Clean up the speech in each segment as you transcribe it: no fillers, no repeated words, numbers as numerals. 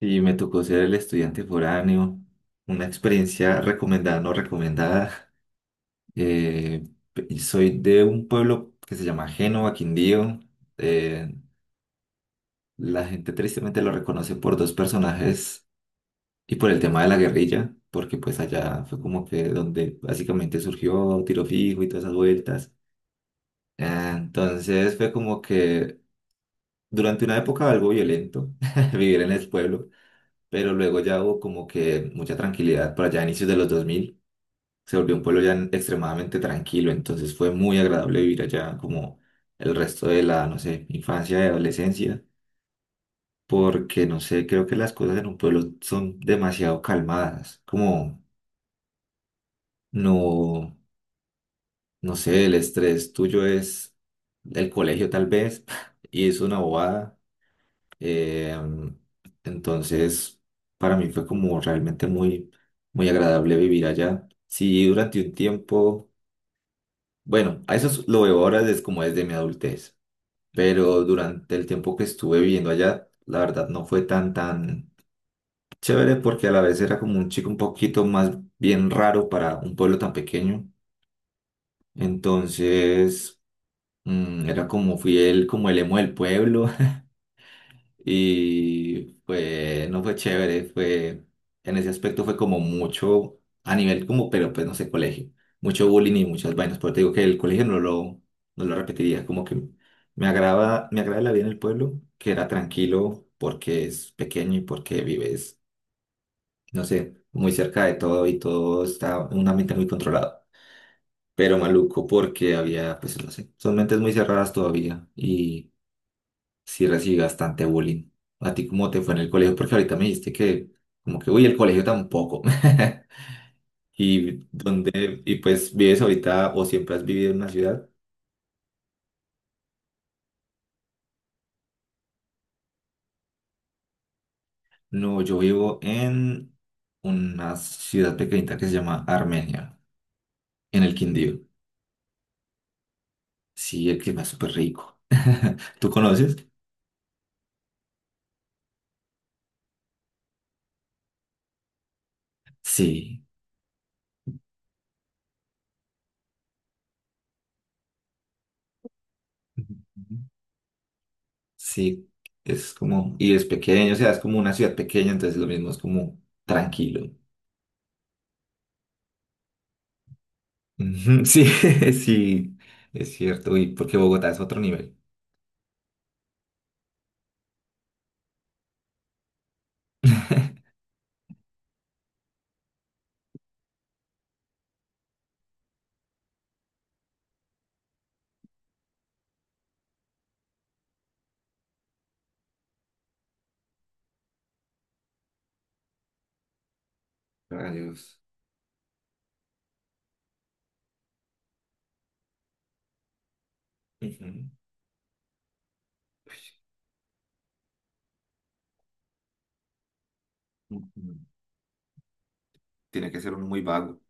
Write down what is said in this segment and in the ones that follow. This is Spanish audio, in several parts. Y me tocó ser el estudiante foráneo, una experiencia recomendada, no recomendada. Eh, y soy de un pueblo que se llama Génova, Quindío. Eh, la gente tristemente lo reconoce por dos personajes y por el tema de la guerrilla, porque pues allá fue como que donde básicamente surgió Tiro Fijo y todas esas vueltas. Ah, entonces fue como que durante una época algo violento vivir en el pueblo. Pero luego ya hubo como que mucha tranquilidad por allá a inicios de los 2000. Se volvió un pueblo ya extremadamente tranquilo, entonces fue muy agradable vivir allá como el resto de la, no sé, infancia y adolescencia, porque no sé, creo que las cosas en un pueblo son demasiado calmadas, como no, no sé, el estrés tuyo es el colegio tal vez, y es una bobada. Eh, entonces, para mí fue como realmente muy, muy agradable vivir allá. Sí, durante un tiempo, bueno, lo veo ahora desde como desde mi adultez, pero durante el tiempo que estuve viviendo allá, la verdad no fue tan, tan chévere porque a la vez era como un chico un poquito más bien raro para un pueblo tan pequeño. Entonces, era como fui el, como el emo del pueblo. Y fue, no fue chévere, fue, en ese aspecto fue como mucho, a nivel como, pero pues no sé, colegio, mucho bullying y muchas vainas, pero te digo que el colegio no lo repetiría, como que me agrada la vida en el pueblo, que era tranquilo porque es pequeño y porque vives, no sé, muy cerca de todo y todo está en un ambiente muy controlado, pero maluco porque había, pues no sé, son mentes muy cerradas todavía. Sí recibí bastante bullying. ¿A ti cómo te fue en el colegio? Porque ahorita me dijiste que, como que, uy, el colegio tampoco. ¿Y dónde y pues vives ahorita o siempre has vivido en una ciudad? No, yo vivo en una ciudad pequeñita que se llama Armenia, en el Quindío. Sí, el clima es súper rico. ¿Tú conoces? Sí. Ujú. Sí, es como, y es pequeño, o sea, es como una ciudad pequeña, entonces lo mismo es como tranquilo. Ujú, sí, sí, es cierto. Y porque Bogotá es otro nivel. Rayos. Ujú, ujú. Tiene que ser uno muy vago.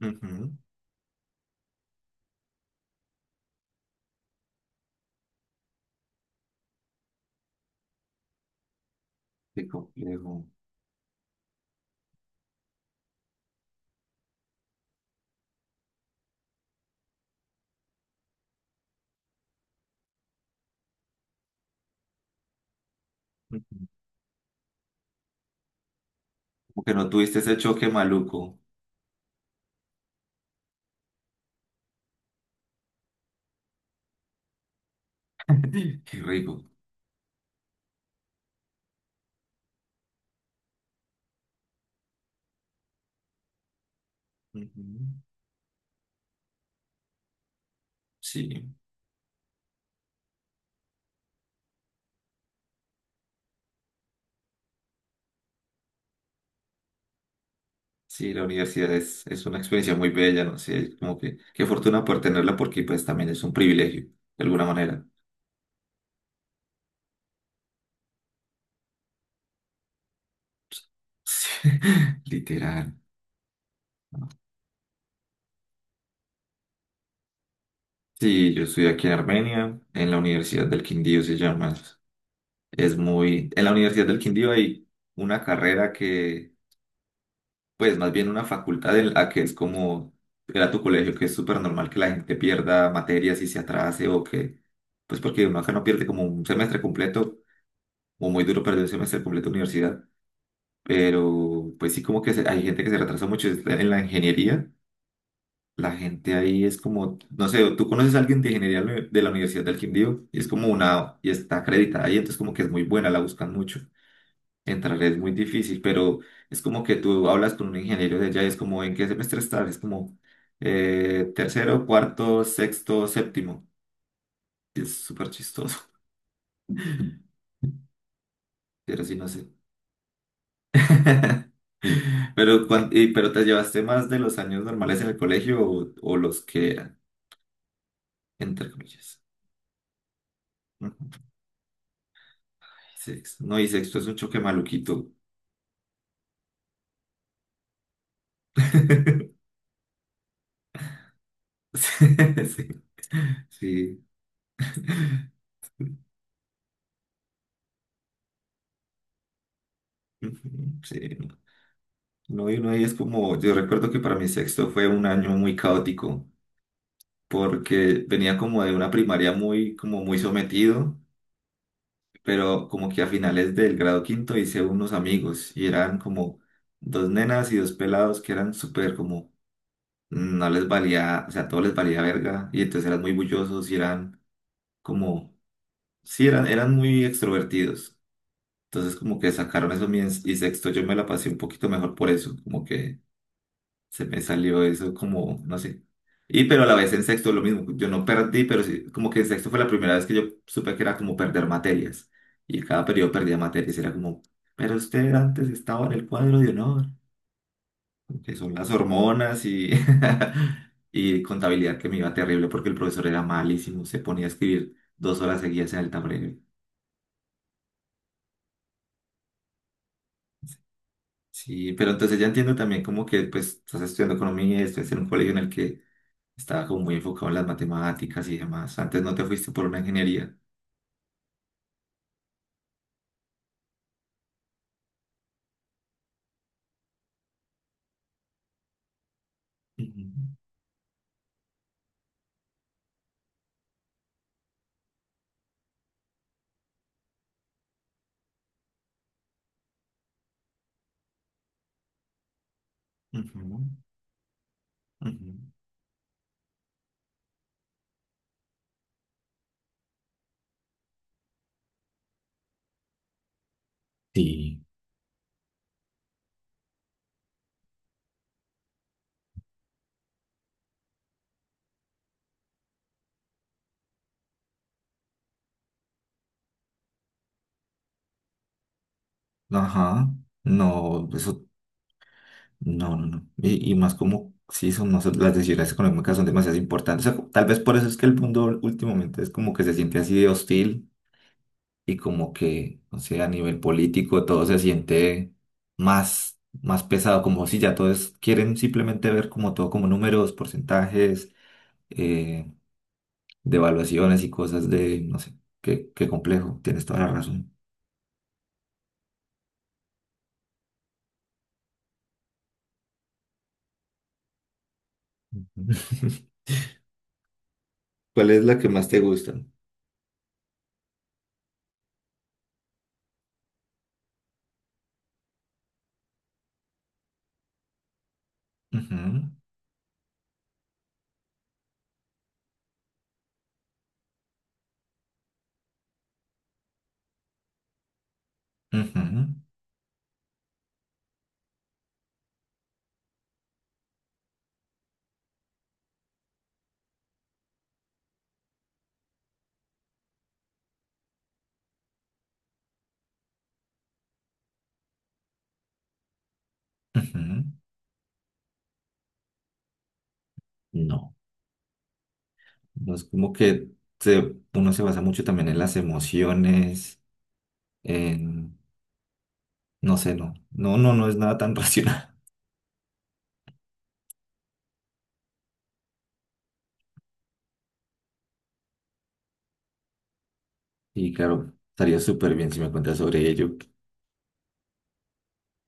Ujú, qué complejo. Ujú. Como que no tuviste ese choque maluco. Qué rico. Ujú. Sí, sí, la universidad es una experiencia muy bella, ¿no? Sé, como que qué fortuna por tenerla porque pues también es un privilegio, de alguna manera. Sí, literal. Sí, yo estoy aquí en Armenia, en la Universidad del Quindío se llama. En la Universidad del Quindío hay una carrera que, pues más bien una facultad en la que es como, era tu colegio, que es súper normal que la gente pierda materias y se atrase o que, pues porque uno acá no pierde como un semestre completo, o muy duro perder un semestre completo de universidad, pero pues sí como que hay gente que se retrasa mucho. En la ingeniería. La gente ahí es como, no sé, tú conoces a alguien de ingeniería de la Universidad del Quindío y es como una, y está acreditada ahí, entonces como que es muy buena, la buscan mucho. Entrar es muy difícil, pero es como que tú hablas con un ingeniero de allá y es como, ¿en qué semestre estás? Es como tercero, cuarto, sexto, séptimo. Es súper chistoso, pero sí, no sé. Pero, pero te llevaste más de los años normales en el colegio o los que eran, entre comillas. Ujú. Sexto. No, y sexto es un choque maluquito. Sí, sí. Ujú, sí. No, y uno ahí es como, yo recuerdo que para mi sexto fue un año muy caótico, porque venía como de una primaria muy, como muy sometido, pero como que a finales del grado quinto hice unos amigos y eran como dos nenas y dos pelados que eran súper como, no les valía, o sea, todo les valía verga, y entonces eran muy bullosos y eran como, sí, eran, eran muy extrovertidos. Entonces como que sacaron eso y sexto yo me la pasé un poquito mejor por eso, como que se me salió eso como, no sé. Y pero a la vez en sexto lo mismo, yo no perdí, pero sí, como que en sexto fue la primera vez que yo supe que era como perder materias. Y en cada periodo perdía materias, era como, pero usted antes estaba en el cuadro de honor, que son las hormonas y, y contabilidad que me iba terrible porque el profesor era malísimo, se ponía a escribir 2 horas seguidas en el tablero. Sí, pero entonces ya entiendo también como que pues estás estudiando economía, estás en un colegio en el que estaba como muy enfocado en las matemáticas y demás. Antes no te fuiste por una ingeniería. Ujú, ujú, ujú. Sí, ajá, no, eso, no, no, no. Y más como, sí, son, no sé, las decisiones económicas son demasiado importantes. O sea, tal vez por eso es que el mundo últimamente es como que se siente así de hostil y como que, no sé, a nivel político todo se siente más, más pesado, como si ya todos quieren simplemente ver como todo como números, porcentajes, eh, de evaluaciones y cosas de, no sé, qué, qué complejo, tienes toda la razón. Ujú. ¿Cuál es la que más te gusta? Ujú, ujú, ujú. No, no es como que uno se basa mucho también en las emociones, en, no sé, no, no, no, no es nada tan racional. Y claro, estaría súper bien si me cuentas sobre ello.